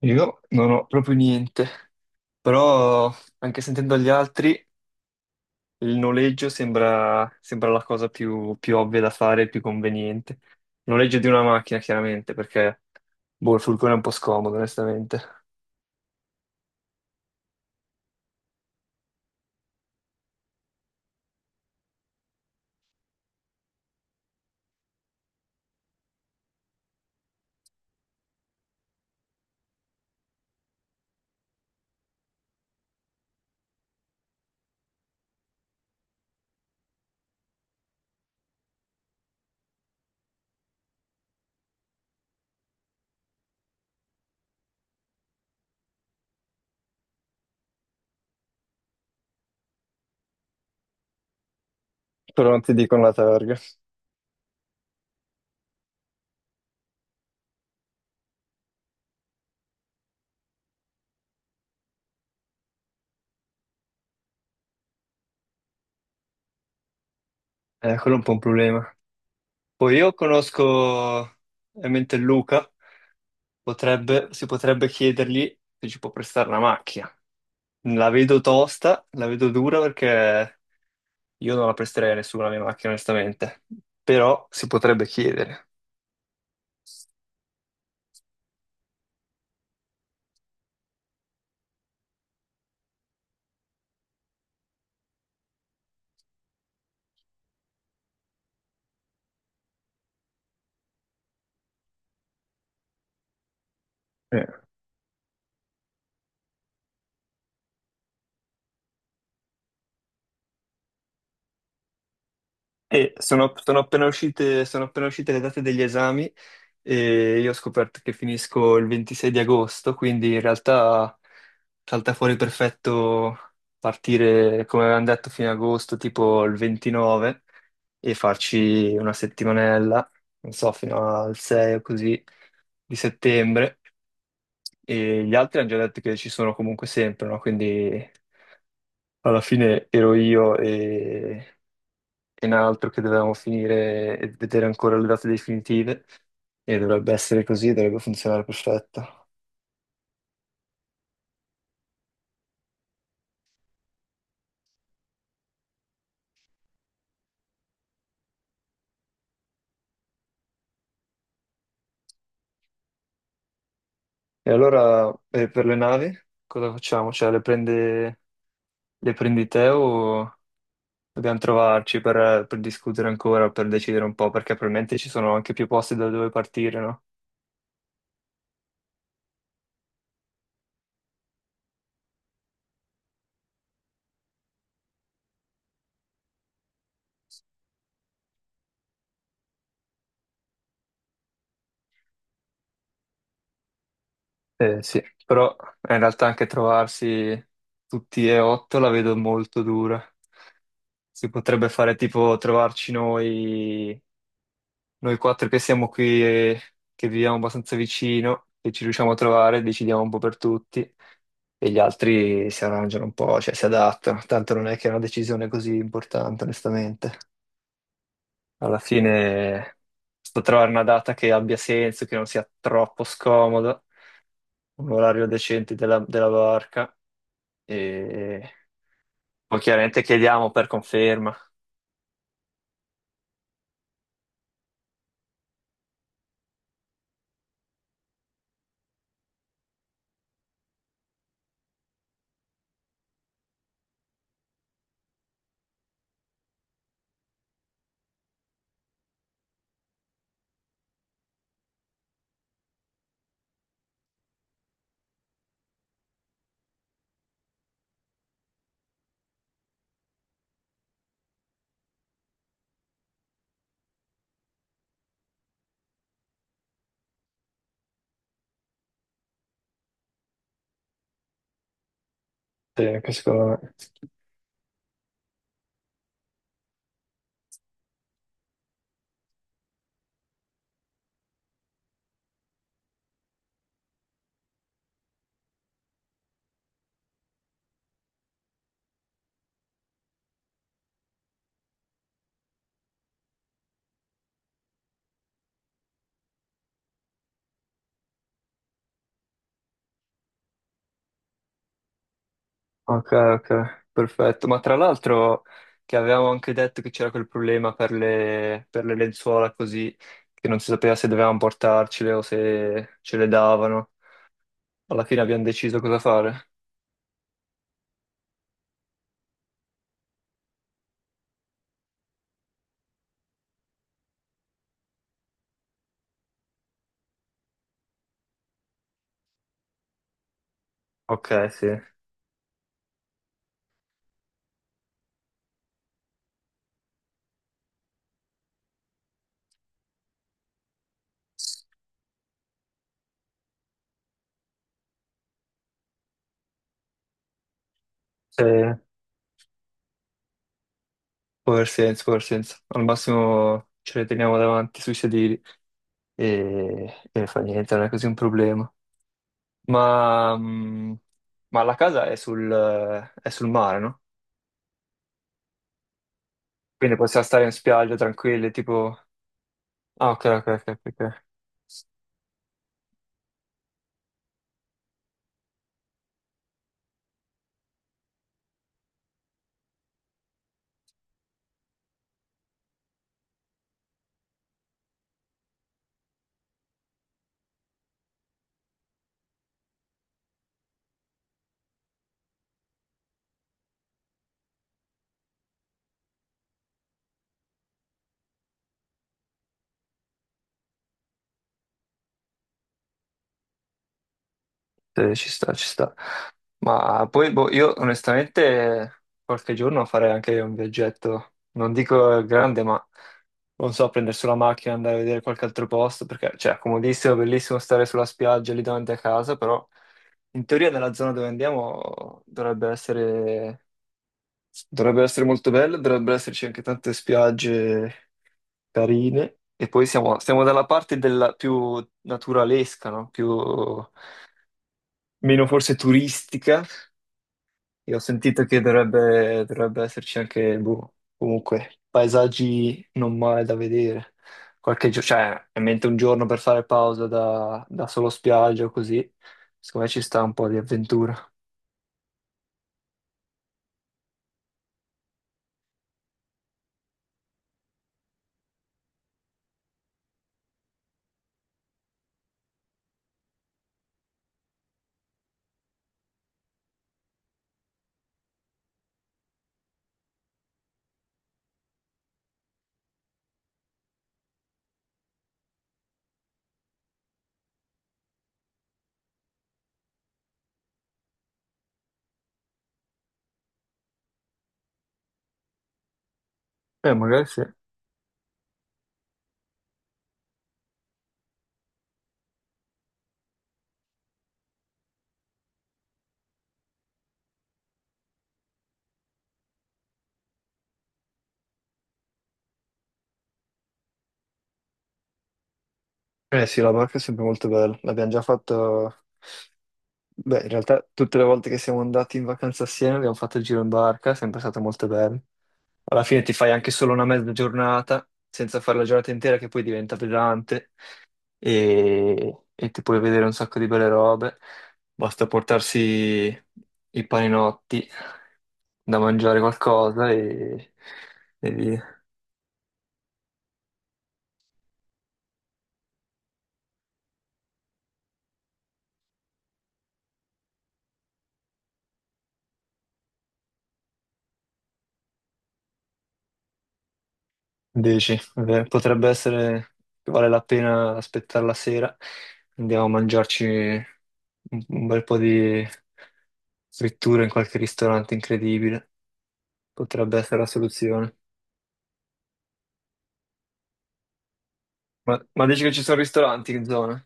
Io non ho proprio niente, però anche sentendo gli altri, il noleggio sembra la cosa più ovvia da fare, più conveniente. Il noleggio di una macchina, chiaramente, perché boh, il furgone è un po' scomodo, onestamente. Però non ti dicono la targa. Quello è un po' un problema. Poi io conosco ovviamente Luca, si potrebbe chiedergli se ci può prestare una macchina. La vedo tosta, la vedo dura perché io non la presterei a nessuno la mia macchina, onestamente, però si potrebbe chiedere. Eh. E sono appena uscite le date degli esami e io ho scoperto che finisco il 26 di agosto, quindi in realtà salta fuori perfetto partire, come avevamo detto, fine agosto, tipo il 29, e farci una settimanella, non so, fino al 6 o così di settembre. E gli altri hanno già detto che ci sono comunque sempre, no? Quindi alla fine ero e un altro che dovevamo finire e vedere ancora le date definitive e dovrebbe essere così, dovrebbe funzionare perfetto. E allora per le navi cosa facciamo? Cioè le prendi te o dobbiamo trovarci per discutere ancora, per decidere un po', perché probabilmente ci sono anche più posti da dove partire, no? Sì, però in realtà anche trovarsi tutti e 8 la vedo molto dura. Si potrebbe fare tipo trovarci noi, noi 4 che siamo qui e che viviamo abbastanza vicino, che ci riusciamo a trovare, decidiamo un po' per tutti e gli altri si arrangiano un po', cioè si adattano. Tanto non è che è una decisione così importante, onestamente. Alla fine sto trovare una data che abbia senso, che non sia troppo scomoda, un orario decente della barca e poi chiaramente chiediamo per conferma. Sì, anche secondo me. Ok, ok, perfetto. Ma tra l'altro che avevamo anche detto che c'era quel problema per per le lenzuola così, che non si sapeva se dovevamo portarcele o se ce le davano. Alla fine abbiamo deciso cosa fare. Ok, sì. Sì, può aver senso, può aver senso. Al massimo ce le teniamo davanti sui sedili e fa niente, non è così un problema. Ma, mh, ma la casa è è sul mare, no? Quindi possiamo stare in spiaggia tranquilli, tipo... Ah, ok, ok, ok, ok, ok. Sì, ci sta, ci sta. Ma poi boh, io onestamente qualche giorno farei anche un viaggetto, non dico grande, ma non so, prendere sulla macchina, andare a vedere qualche altro posto, perché cioè, è comodissimo, bellissimo stare sulla spiaggia lì davanti a casa, però in teoria nella zona dove andiamo dovrebbe essere molto bello, dovrebbero esserci anche tante spiagge carine. E poi siamo dalla parte della più naturalesca, no? Più meno forse turistica. Io ho sentito che dovrebbe esserci anche, boh, comunque, paesaggi non male da vedere. Qualche giorno, cioè, ovviamente un giorno per fare pausa da solo spiaggia o così. Secondo me ci sta un po' di avventura. Magari sì. Eh sì, la barca è sempre molto bella. L'abbiamo già fatto... Beh, in realtà tutte le volte che siamo andati in vacanza assieme abbiamo fatto il giro in barca, è sempre stato molto bello. Alla fine ti fai anche solo una mezza giornata, senza fare la giornata intera che poi diventa pesante e ti puoi vedere un sacco di belle robe. Basta portarsi i paninotti da mangiare qualcosa e via. Dici, potrebbe essere che vale la pena aspettare la sera. Andiamo a mangiarci un bel po' di frittura in qualche ristorante incredibile. Potrebbe essere la soluzione. Ma dici che ci sono ristoranti in zona?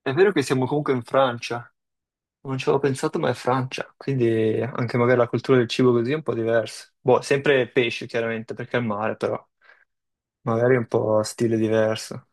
È vero che siamo comunque in Francia, non ci avevo pensato, ma è Francia, quindi anche magari la cultura del cibo così è un po' diversa. Boh, sempre pesce chiaramente perché è il mare, però magari è un po' stile diverso.